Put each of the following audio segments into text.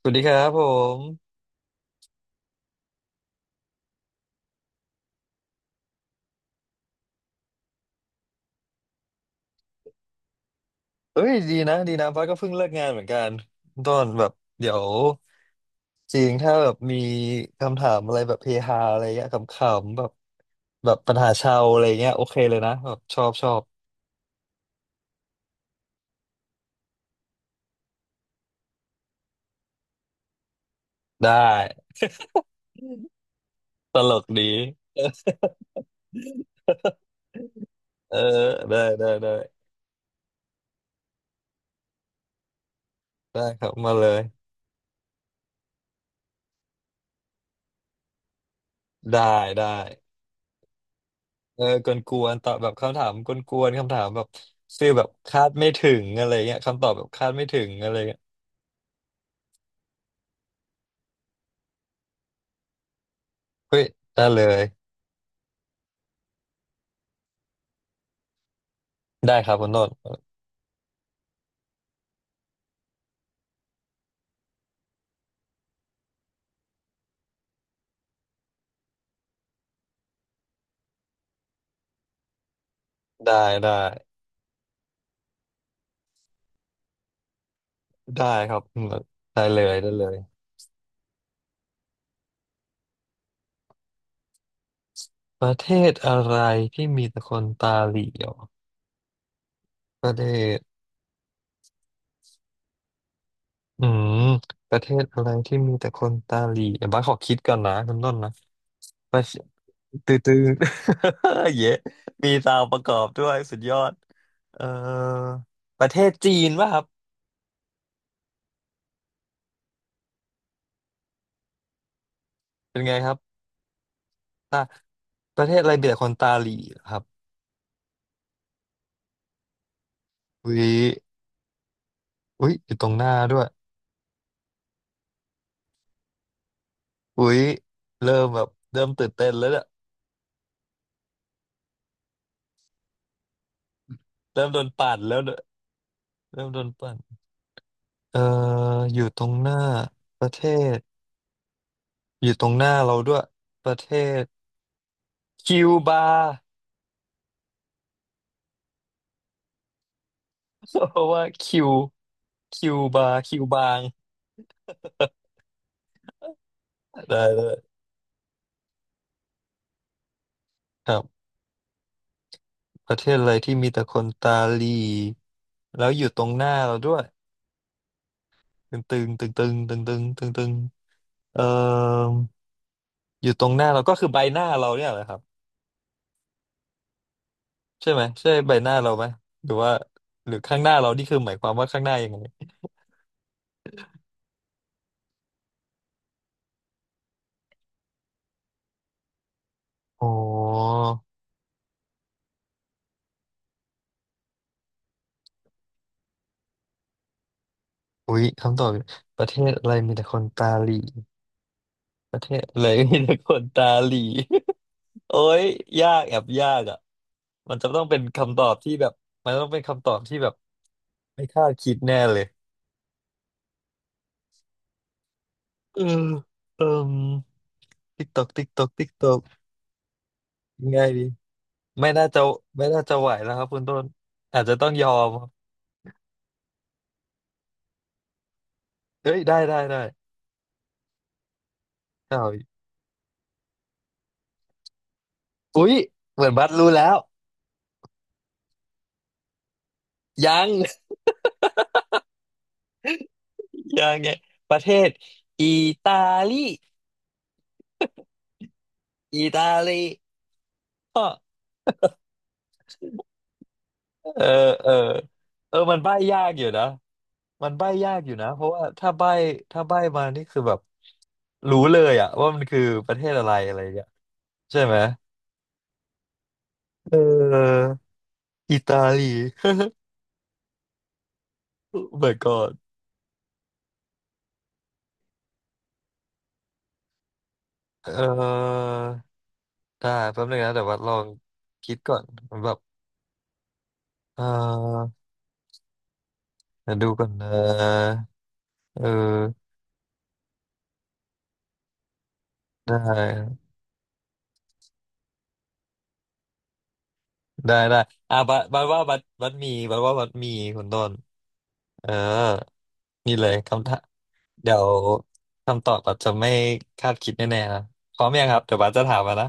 สวัสดีครับผมเอ้ยดีนะดีนะฟ้าก็เพิ่งเลิกงานเหมือนกันต้นแบบเดี๋ยวจริงถ้าแบบมีคำถามอะไรแบบเฮฮาอะไรเงี้ยขำๆแบบแบบปัญหาชาวอะไรเงี้ยโอเคเลยนะแบบชอบได้ตลกดีเออได้ได้ได้ได้ครับมาเลยได้ได้เออกวนๆตอบแบบคำถามกวนๆคำถามแบบฟีลแบบคาดไม่ถึงอะไรเงี้ยคำตอบแบบคาดไม่ถึงอะไรเงี้ยเฮ้ยได้เลยได้ครับคุณต้น ได้ได้ได้ครับอืมได้เลยได้เลยประเทศอะไรที่มีแต่คนตาเหลี่ยวประเทศอืมประเทศอะไรที่มีแต่คนตาเหลี่ยวบ้าสขอคิดก่อนนะคุณต้นนะประเทศตื้อตื้อ เยะมีซาวประกอบด้วยสุดยอดเอ่อประเทศจีนป่ะครับเป็นไงครับตาประเทศอะไรมีแต่คนตาเหลี่ยวครับอุ้ยอุ้ยอยู่ตรงหน้าด้วยอุ้ยเริ่มแบบเริ่มตื่นเต้นแล้วเนี่ย เริ่มโดนปั่นแล้วเนอะเริ่มโดนปั่นเอ่ออยู่ตรงหน้าประเทศอยู่ตรงหน้าเราด้วยประเทศคิวบาเพราะว่าคิวคิวบางได้เลยครับประเทศอะไรที่มีแต่คนตาหลีแล้วอยู่ตรงหน้าเราด้วยตึงตึงตึงตึงตึงตึงตึงตึงเอ่ออยู่ตรงหน้าเราก็คือใบหน้าเราเนี่ยแหละครับใช่ไหมใช่ใบหน้าเราไหมหรือว่าหรือข้างหน้าเรานี่คือหมายความว่าข้างหน้ายังไงอ๋อ อุ๊ยคำตอบประเทศอะไรมีแต่คนตาหลีประเทศอะไร มีแต่คนตาหลี โอ้ยยากแอบยากอ่ะมันจะต้องเป็นคำตอบที่แบบมันต้องเป็นคำตอบที่แบบไม่คาดคิดแน่เลยเออเอมติ๊กตอกติ๊กตอกติ๊กตอกยังไงดีไม่น่าจะไม่น่าจะไหวแล้วครับคุณต้นอาจจะต้องยอมครับเฮ้ยได้ได้ได้เอาอุ๊ยเหมือนบัสรู้แล้วยัง ยังไงประเทศอิตาลีอิตาลี เออเออเออมันใบ้ยากอยู่นะมันใบ้ยากอยู่นะเพราะว่าถ้าใบ้ถ้าใบ้มานี่คือแบบรู้เลยอะว่ามันคือประเทศอะไรอะไรอย่างเงี้ยใช่ไหมเอออิตาลี Oh my god เออได้แป๊บนึงนะแต่ว่าลองคิดก่อนแบบเออเดี๋ยวดูก่อนนะเออได้ได้ได้อ่ะบัดบัดว่าบัดบัดมีบัดว่าบัดมีคุณต้นเออนี่เลยคำถาม เดี๋ยวคำตอบอาจจะไม่คาดคิดแน่ๆนะพร้อมยังครับเดี๋ยวบาสจะถามมานะ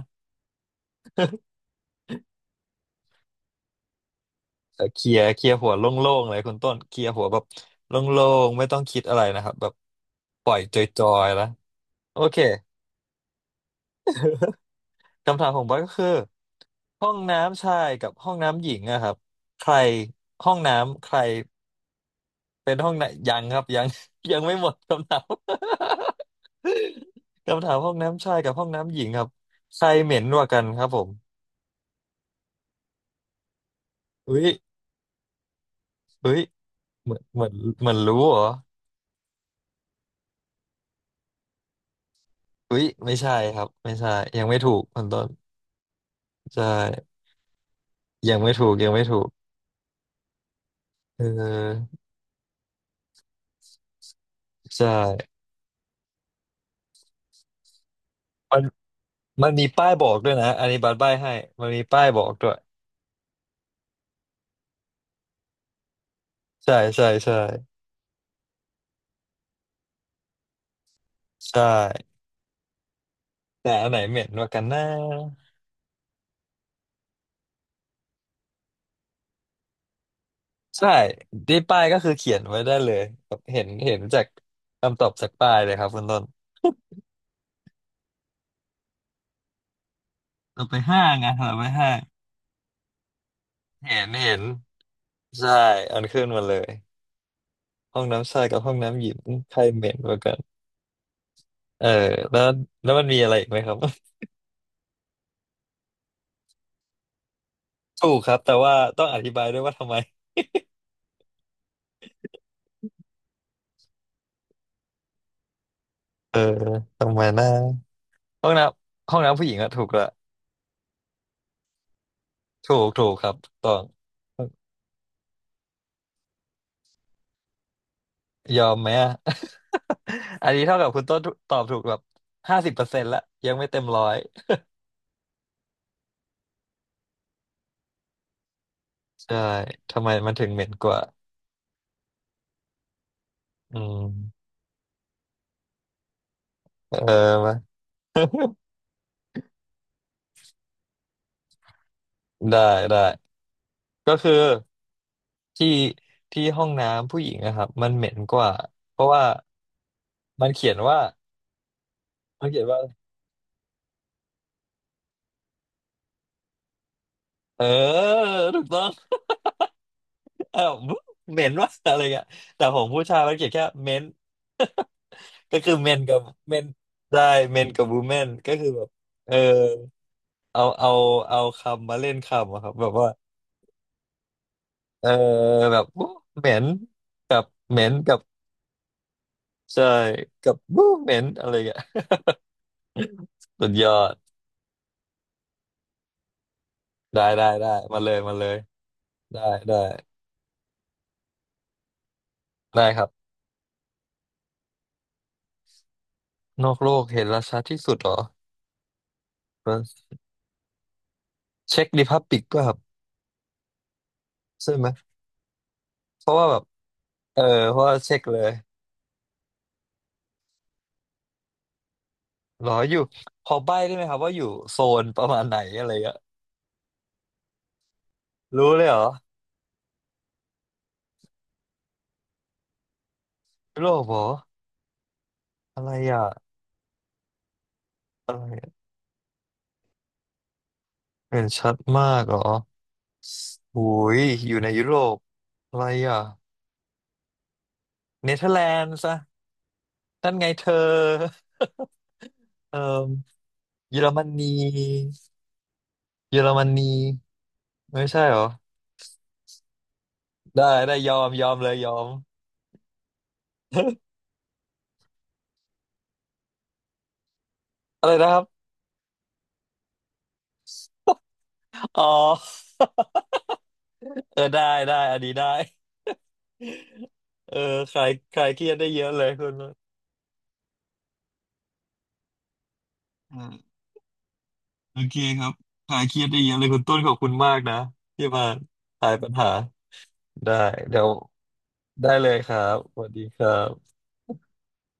เออเคลียร์เคลียร์หัวโล่งๆเลยคุณต้นเคลียร์หัวแบบโล่งๆไม่ต้องคิดอะไรนะครับแบบปล่อยจอยๆแล้วโอเคคำถามของบอยก็คือห้องน้ำชายกับห้องน้ำหญิงอะครับใครห้องน้ำใครเป็นห้องไหนยังครับยัง ยังไม่หมดคำถาม คำถามห้องน้ำชายกับห้องน้ำหญิงครับใครเหม็นกว่ากันครับผมอุ้ยอุ้ย เหมือนเหมือนเหมือนรู้เหรออุ๊ยไม่ใช่ครับไม่ใช่ยังไม่ถูกคุณต้นใช่ยังไม่ถูกยังไม่ถูกเออใช่มันมันมีป้ายบอกด้วยนะอันนี้บัตรใบ้ให้มันมีป้ายบอกด้วยใช่ใช่ใช่ใช่แต่อันไหนเหม็นกว่ากันนะใช่ที่ป้ายก็คือเขียนไว้ได้เลยแบบเห็นเห็นจากคำตอบจากป้ายเลยครับคุณต้นเราไปห้างไงเราไปห้างเห็นเห็น ใช่ อันขึ้นมาเลย ห้องน้ำชายกับห้องน้ำหญิงใครเหม็นกว่ากัน เออแล้วแล้วมันมีอะไรอีกไหมครับ ถูกครับแต่ว่าต้องอธิบายด้วยว่าทำไมเออทำไมนะห้องน้ำห้องน้ำผู้หญิงอะถูกละถูกถูกครับต้องยอมไหมอะ อันนี้เท่ากับคุณต้นตอบถูกแบบ50%ละยังไม่เต็มร้อยใช่ทำไมมันถึงเหม็นกว่าอืมเออมา ได้ได้ก็คือที่ที่ห้องน้ำผู้หญิงนะครับมันเหม็นกว่าเพราะว่ามันเขียนว่ามันเขียนว่า เออถูกต้องเออเหมนว่าอะไรเงี้ยแต่ผมผู้ชายมันเขียนแค่เมน ก็คือเมนกับเมนได้เมนกับวูแมนก็คือแบบเออเอาเอาเอาคำมาเล่นคำอะครับแบบว่าเออแบบวู้เหม็นกับเหม็นกับใช่กับวูเหม็นอะไรเงี้ยสุดยอดได้ได้ได้มาเลยมาเลยได้ได้ได้ครับนอกโลกเห็นราชาที่สุดเหรอเช็คดิพับปิกก็ครับใช่ไหมเพราะว่าแบบ เออเพราะว่าเช็คเลยเหรออยู่พอใบ้ได้ไหมครับว่าอยู่โซนประมาณไหนอะไรเงี้ยรู้เลยเหรอยุโรปเหรออะไรอ่ะอะไรอะเห็นชัดมากเหรอหุยอยู่ในยุโรปอะไรอ่ะเนเธอร์แลนด์ซะนั่นไงเธอเออเยอรมนีเยอรมนีไม่ใช่เหรอได้ได้ยอมยอมเลยยอม อะไรนะครับอ๋อ เออได้ได้อันนี้ได้เออคลายคลายเครียดได้เยอะเลยคุณ โอเคครับหายเครียดได้เยอะเลยคุณต้นขอบคุณมากนะที่มาคลายปัญหาได้เดี๋ยวได้เลยครับ สวัสดีครับ